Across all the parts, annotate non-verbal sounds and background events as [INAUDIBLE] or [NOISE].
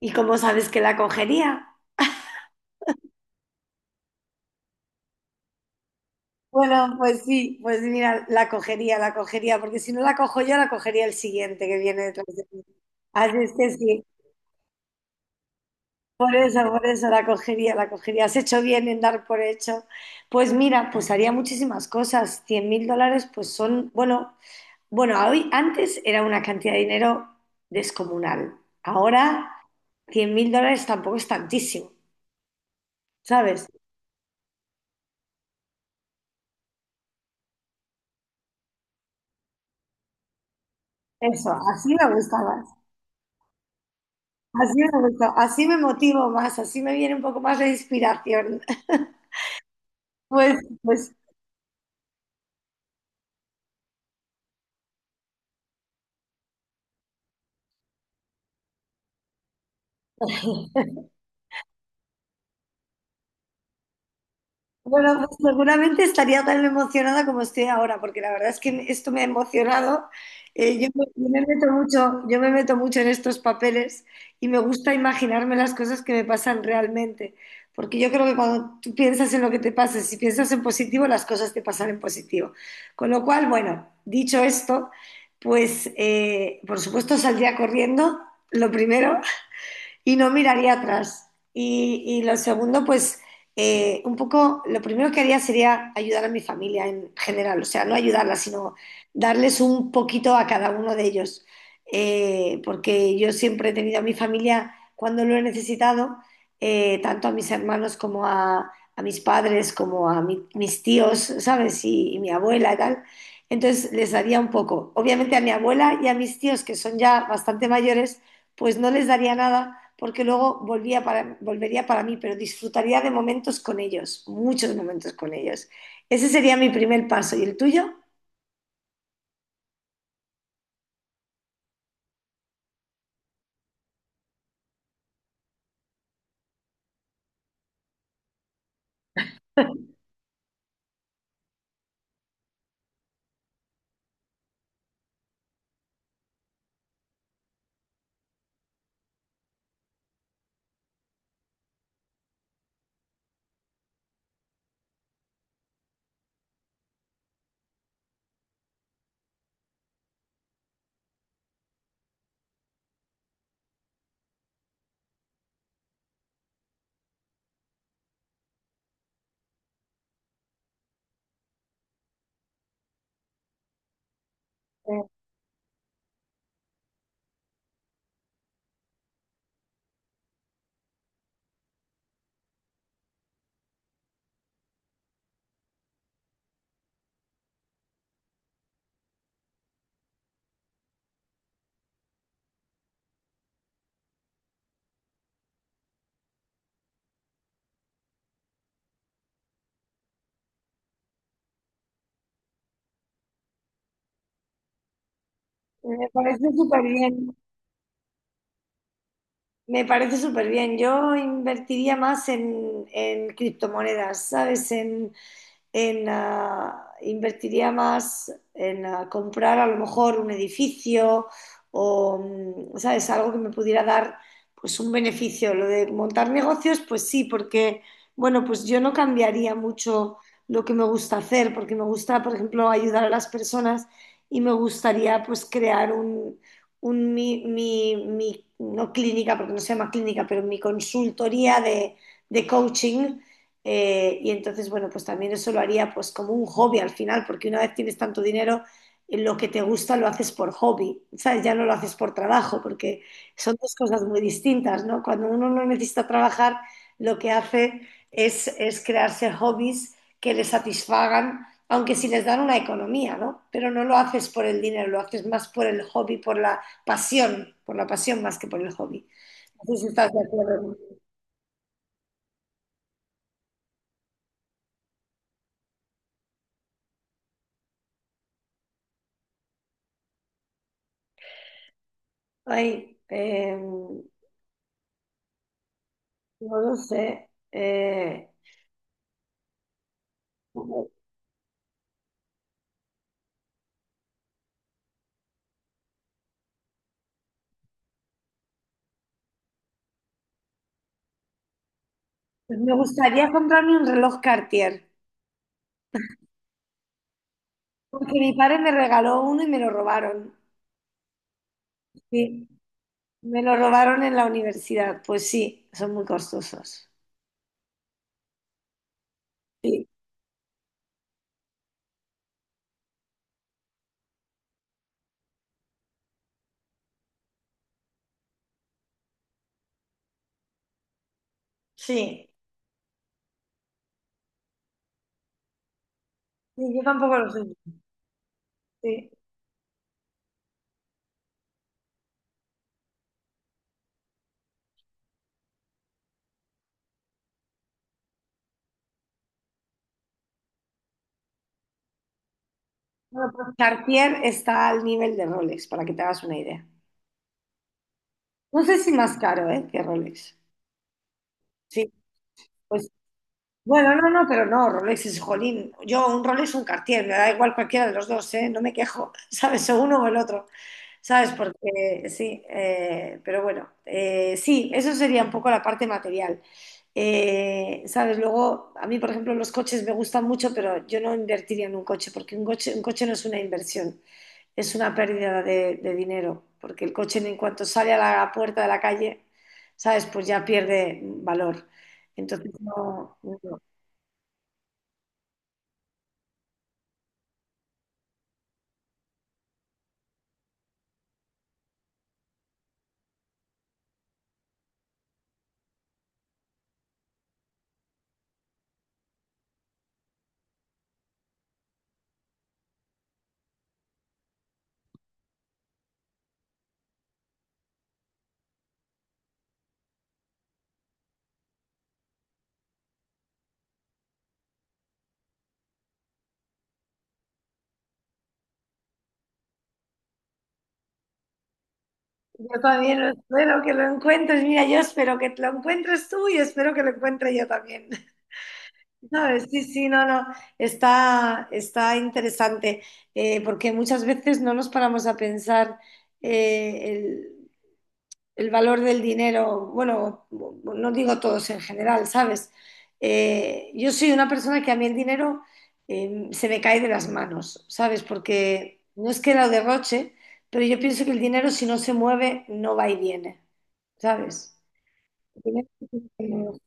¿Y cómo sabes que la cogería? Bueno, pues sí, pues mira, la cogería, porque si no la cojo yo, la cogería el siguiente que viene detrás de mí. Así es que sí, por eso la cogería, la cogería. Has hecho bien en dar por hecho. Pues mira, pues haría muchísimas cosas. 100.000 dólares, pues son, bueno, bueno, hoy, antes era una cantidad de dinero descomunal. Ahora, 100.000 dólares tampoco es tantísimo, ¿sabes? Eso, así me gustaba. Así me gusta, así me motivo más, así me viene un poco más de inspiración. [LAUGHS] Pues, pues Bueno, pues seguramente estaría tan emocionada como estoy ahora, porque la verdad es que esto me ha emocionado. Yo me meto mucho en estos papeles y me gusta imaginarme las cosas que me pasan realmente, porque yo creo que cuando tú piensas en lo que te pasa, si piensas en positivo, las cosas te pasan en positivo. Con lo cual, bueno, dicho esto, pues por supuesto saldría corriendo, lo primero, y no miraría atrás. Y lo segundo, pues un poco, lo primero que haría sería ayudar a mi familia en general, o sea, no ayudarla, sino darles un poquito a cada uno de ellos. Porque yo siempre he tenido a mi familia cuando lo he necesitado, tanto a mis hermanos como a mis padres, como a mis tíos, ¿sabes? Y mi abuela y tal. Entonces les daría un poco. Obviamente a mi abuela y a mis tíos, que son ya bastante mayores, pues no les daría nada porque luego volvería para mí, pero disfrutaría de momentos con ellos, muchos momentos con ellos. Ese sería mi primer paso. ¿Y el tuyo? Eh, Me parece súper bien. Me parece súper bien. Yo invertiría más en criptomonedas, ¿sabes? Invertiría más en comprar a lo mejor un edificio o, ¿sabes? Algo que me pudiera dar pues un beneficio. Lo de montar negocios, pues sí, porque, bueno, pues yo no cambiaría mucho lo que me gusta hacer, porque me gusta, por ejemplo, ayudar a las personas y me gustaría pues crear un no clínica, porque no se llama clínica, pero mi consultoría de coaching y entonces, bueno, pues también eso lo haría pues como un hobby al final, porque una vez tienes tanto dinero, lo que te gusta lo haces por hobby, ¿sabes? Ya no lo haces por trabajo, porque son dos cosas muy distintas, ¿no? Cuando uno no necesita trabajar, lo que hace es crearse hobbies que le satisfagan, aunque sí les dan una economía, ¿no? Pero no lo haces por el dinero, lo haces más por el hobby, por la pasión más que por el hobby. No sé si estás de acuerdo. Ay, no lo sé. Pues me gustaría comprarme un reloj Cartier, porque mi padre me regaló uno y me lo robaron. Sí, me lo robaron en la universidad. Pues sí, son muy costosos. Sí, sí, sí, yo tampoco lo sé. Sí. Bueno, pues Cartier está al nivel de Rolex, para que te hagas una idea. No sé si más caro, ¿eh? Que Rolex. Sí, pues, bueno, no, no, pero no, Rolex es jolín. Yo, un Rolex o un Cartier, me da igual cualquiera de los dos, ¿eh? No me quejo, [LAUGHS] ¿sabes? O uno o el otro, ¿sabes? Porque sí, pero bueno, sí, eso sería un poco la parte material. ¿Sabes? Luego, a mí, por ejemplo, los coches me gustan mucho, pero yo no invertiría en un coche, porque un coche no es una inversión, es una pérdida de dinero, porque el coche en cuanto sale a la puerta de la calle, ¿sabes? Pues ya pierde valor. Entonces, no, no. Yo también lo espero que lo encuentres. Mira, yo espero que lo encuentres tú y espero que lo encuentre yo también. [LAUGHS] No, sí, sí, no, no. Está interesante, porque muchas veces no nos paramos a pensar, eh, el valor del dinero, bueno, no digo todos en general, ¿sabes? Yo soy una persona que a mí el dinero, se me cae de las manos, ¿sabes? Porque no es que lo derroche, pero yo pienso que el dinero si no se mueve no va y viene, ¿sabes? El dinero-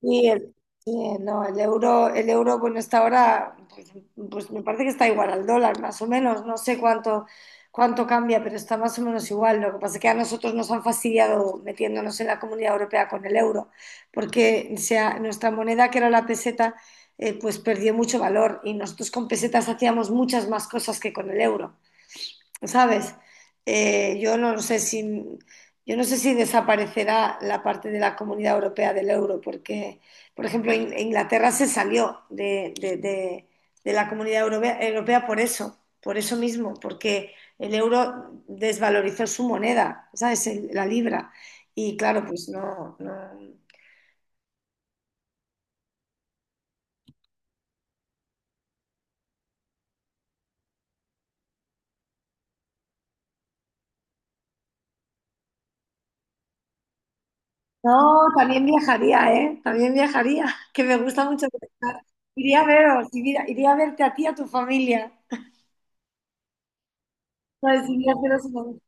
Sí, sí, no, el euro, bueno, está ahora, pues me parece que está igual al dólar, más o menos, no sé cuánto cambia, pero está más o menos igual. Lo que pasa es que a nosotros nos han fastidiado metiéndonos en la Comunidad Europea con el euro, porque nuestra moneda, que era la peseta, pues perdió mucho valor y nosotros con pesetas hacíamos muchas más cosas que con el euro. ¿Sabes? Yo no sé si, yo no sé si desaparecerá la parte de la Comunidad Europea del euro, porque, por ejemplo, Inglaterra se salió de la Comunidad Europea por eso mismo, porque el euro desvalorizó su moneda, ¿sabes? La libra. Y claro, pues no, no. No, también viajaría, ¿eh? También viajaría, [LAUGHS] que me gusta mucho viajar. Iría a veros, iría a verte a ti y a tu familia. Ay, sí, mira.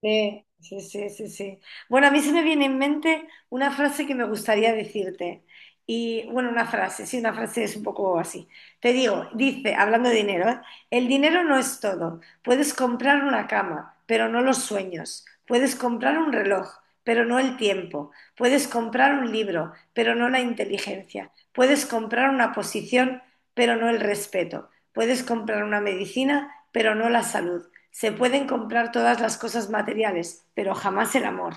Sí, sí, sí, sí, sí. Bueno, a mí se me viene en mente una frase que me gustaría decirte. Y bueno, una frase, sí, una frase es un poco así. Te digo, dice, hablando de dinero, ¿eh? El dinero no es todo. Puedes comprar una cama, pero no los sueños. Puedes comprar un reloj, pero no el tiempo. Puedes comprar un libro, pero no la inteligencia. Puedes comprar una posición, pero no el respeto. Puedes comprar una medicina, pero no la salud. Se pueden comprar todas las cosas materiales, pero jamás el amor.